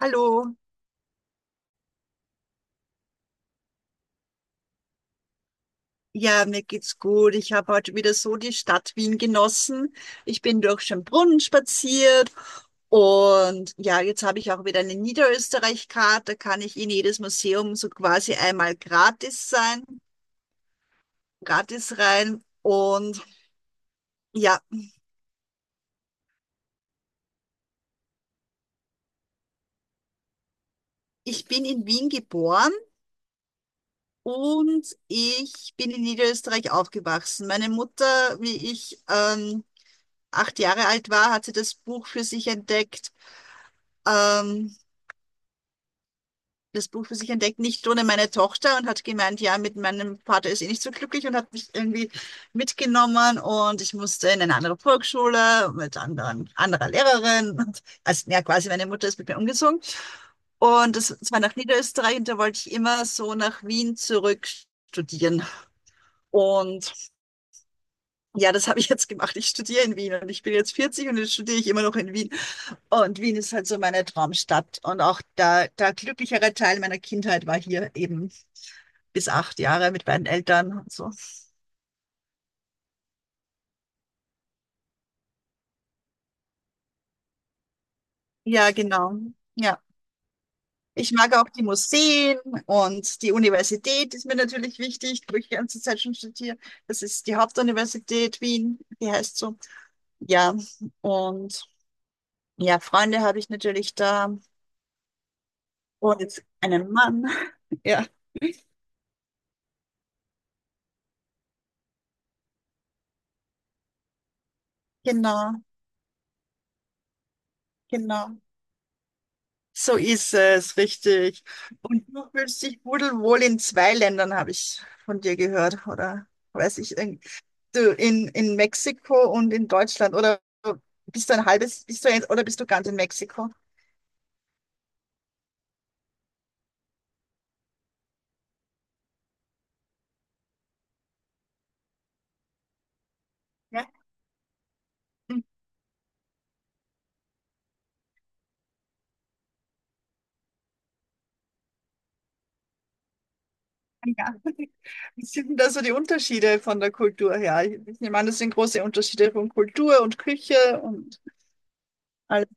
Hallo, ja, mir geht's gut. Ich habe heute wieder so die Stadt Wien genossen. Ich bin durch Schönbrunn spaziert und ja, jetzt habe ich auch wieder eine Niederösterreich-Karte. Da kann ich in jedes Museum so quasi einmal gratis sein, gratis rein. Und ja, ich bin in Wien geboren und ich bin in Niederösterreich aufgewachsen. Meine Mutter, wie ich 8 Jahre alt war, hat sie das Buch für sich entdeckt. Ähm, das Buch für sich entdeckt, nicht ohne meine Tochter und hat gemeint, ja, mit meinem Vater ist sie nicht so glücklich und hat mich irgendwie mitgenommen und ich musste in eine andere Volksschule mit anderen, anderer Lehrerin. Und, also ja, quasi meine Mutter ist mit mir umgezogen. Und das war nach Niederösterreich und da wollte ich immer so nach Wien zurück studieren. Und ja, das habe ich jetzt gemacht. Ich studiere in Wien und ich bin jetzt 40 und jetzt studiere ich immer noch in Wien. Und Wien ist halt so meine Traumstadt. Und auch der glücklichere Teil meiner Kindheit war hier eben bis 8 Jahre mit beiden Eltern und so. Ja, genau. Ja. Ich mag auch die Museen und die Universität ist mir natürlich wichtig, wo ich die ganze Zeit schon studiere. Das ist die Hauptuniversität Wien, die heißt so. Ja, und ja, Freunde habe ich natürlich da und jetzt einen Mann. Ja, genau, genau. So ist es, richtig. Und du fühlst dich pudelwohl in zwei Ländern, habe ich von dir gehört, oder weiß ich, in Mexiko und in Deutschland, oder bist du ein halbes, bist du ein, oder bist du ganz in Mexiko? Ja. Ja. Wie sind denn da so die Unterschiede von der Kultur her? Ich nehme an, das sind große Unterschiede von Kultur und Küche und alles,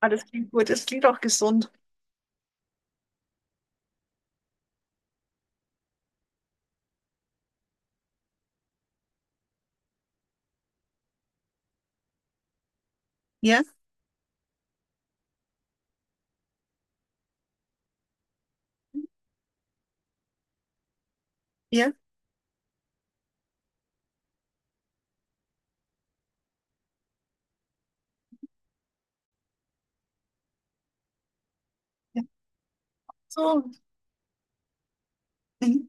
alles klingt gut. Es klingt auch gesund. Ja, ja, ja. So, mhm.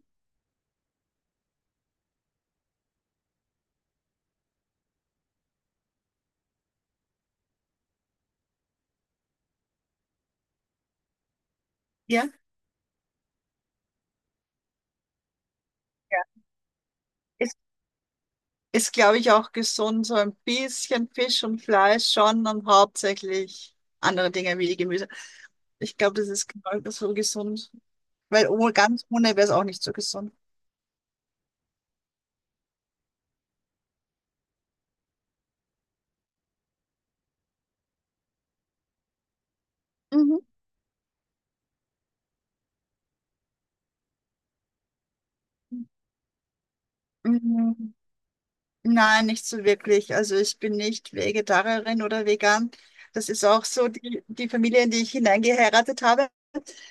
Ja. Ja. Ist, glaube ich, auch gesund, so ein bisschen Fisch und Fleisch schon und hauptsächlich andere Dinge wie Gemüse. Ich glaube, das ist genau so gesund, weil oh, ganz ohne wäre es auch nicht so gesund. Mhm. Mhm. Nein, nicht so wirklich. Also ich bin nicht Vegetarierin oder vegan. Das ist auch so die Familie, in die ich hineingeheiratet habe.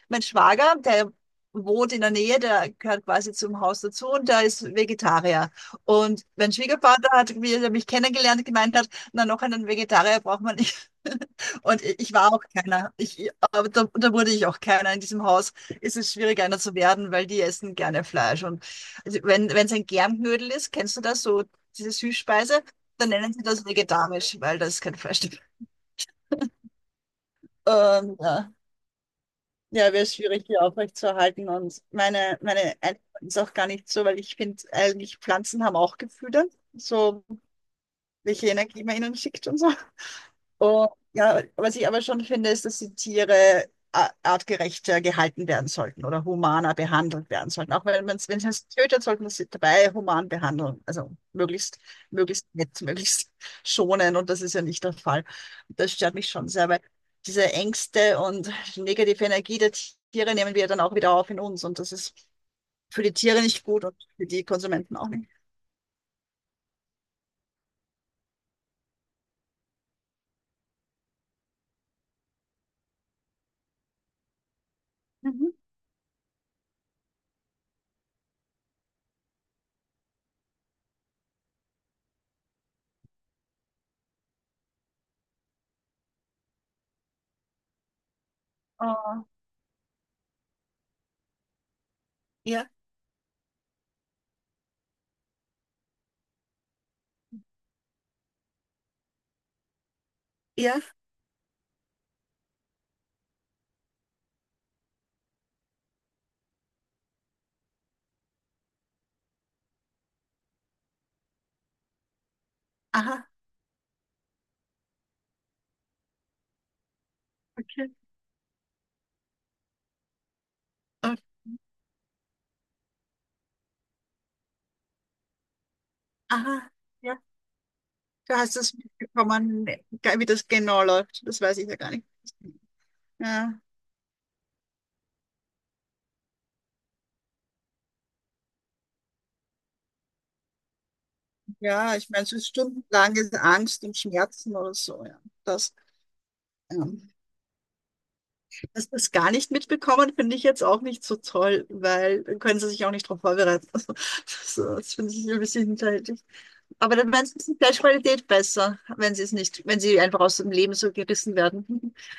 Mein Schwager, der wohnt in der Nähe, der gehört quasi zum Haus dazu und der ist Vegetarier. Und mein Schwiegervater hat, wie er mich kennengelernt, gemeint hat, na, noch einen Vegetarier braucht man nicht. Und ich war auch keiner. Ich, aber da, wurde ich auch keiner. In diesem Haus ist es schwierig, einer zu werden, weil die essen gerne Fleisch. Und also wenn es ein Germknödel ist, kennst du das, so diese Süßspeise, dann nennen sie das vegetarisch, weil da ist kein Fleisch drin. Ja. Ja, wäre schwierig, die aufrechtzuerhalten. Und meine Einstellung ist auch gar nicht so, weil ich finde, eigentlich Pflanzen haben auch Gefühle, so welche Energie man ihnen schickt und so. Und ja, was ich aber schon finde, ist, dass die Tiere artgerechter gehalten werden sollten oder humaner behandelt werden sollten. Auch wenn man es, wenn es tötet, sollten wir sie dabei human behandeln. Also möglichst, möglichst nett, möglichst schonen. Und das ist ja nicht der Fall. Das stört mich schon sehr, weil diese Ängste und negative Energie der Tiere nehmen wir dann auch wieder auf in uns. Und das ist für die Tiere nicht gut und für die Konsumenten auch nicht. Mhm. Oh, ja, ja, aha, okay, oh, aha. Ja. Du hast das mitbekommen, wie das genau läuft. Das weiß ich ja gar nicht. Ja, ja ich meine, so stundenlange Angst und Schmerzen oder so. Ja. Das, ähm, dass das gar nicht mitbekommen, finde ich jetzt auch nicht so toll, weil dann können sie sich auch nicht darauf vorbereiten. Also, das finde ich ein bisschen hinterhältig. Aber dann wäre es ist die Fleischqualität besser, wenn sie es nicht, wenn sie einfach aus dem Leben so gerissen werden.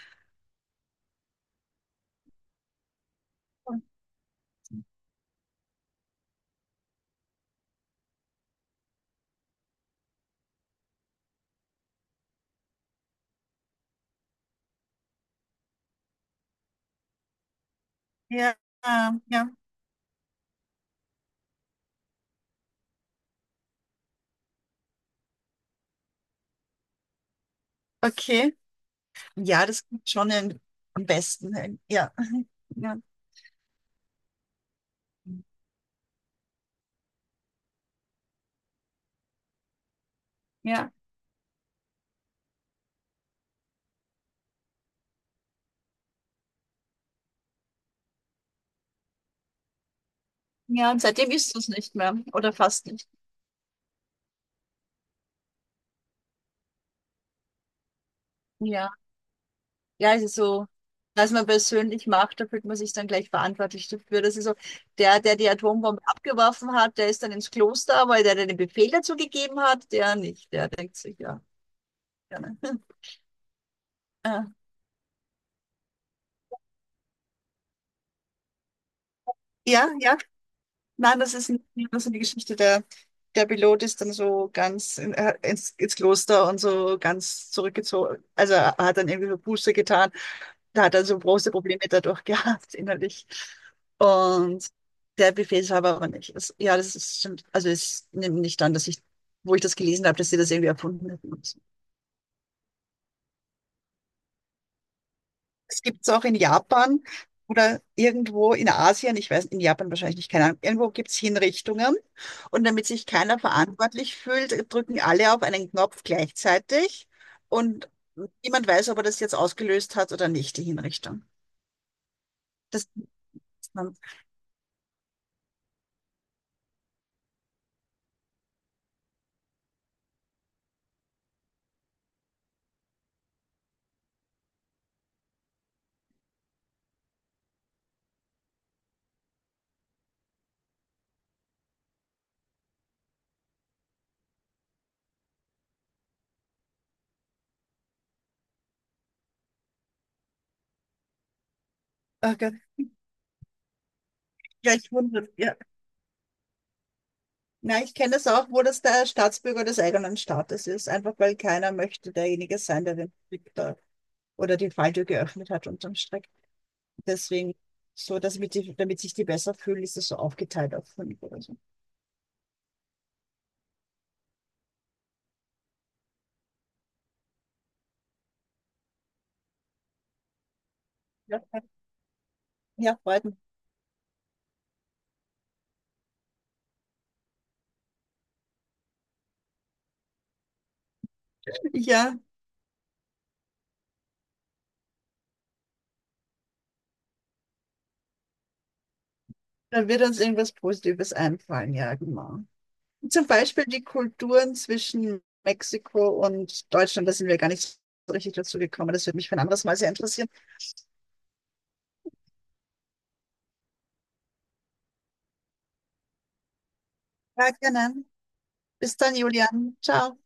Ja, ja, okay. Ja, das klingt schon am besten. Ja, ja. Ja, ja, und seitdem isst du es nicht mehr oder fast nicht. Ja, ja, es ist so, was man persönlich macht, da fühlt man sich dann gleich verantwortlich dafür. Das ist so, der, der, die Atombombe abgeworfen hat, der ist dann ins Kloster, weil der den Befehl dazu gegeben hat, der nicht. Der denkt sich, ja, gerne. Ja, ja, ja, nein, das ist eine Geschichte. Der Pilot ist dann so ganz ins Kloster und so ganz zurückgezogen. Also er hat dann irgendwie so Buße getan. Da hat er so große Probleme dadurch gehabt, innerlich. Und der Befehlshaber aber nicht. Das, ja, das ist stimmt. Also ich nehme nicht an, dass ich, wo ich das gelesen habe, dass sie das irgendwie erfunden hätten. Es gibt es auch in Japan oder irgendwo in Asien, ich weiß, in Japan wahrscheinlich nicht, keine Ahnung, irgendwo gibt es Hinrichtungen. Und damit sich keiner verantwortlich fühlt, drücken alle auf einen Knopf gleichzeitig und niemand weiß, ob er das jetzt ausgelöst hat oder nicht, die Hinrichtung. Das gibt's dann. Ach Gott, ja, ich wundere, ja. Na, ich kenne das auch, wo das der Staatsbürger des eigenen Staates ist, einfach weil keiner möchte derjenige sein, der den Krieg da oder die Falltür geöffnet hat unterm Strich. Deswegen, so dass ich die, damit sich die besser fühlen, ist das so aufgeteilt auf fünf oder so. Ja, ja, freut mich. Ja, da wird uns irgendwas Positives einfallen, ja, genau. Zum Beispiel die Kulturen zwischen Mexiko und Deutschland, da sind wir gar nicht so richtig dazu gekommen. Das würde mich für ein anderes Mal sehr interessieren. Ja, gerne. Bis dann, Julian. Ciao.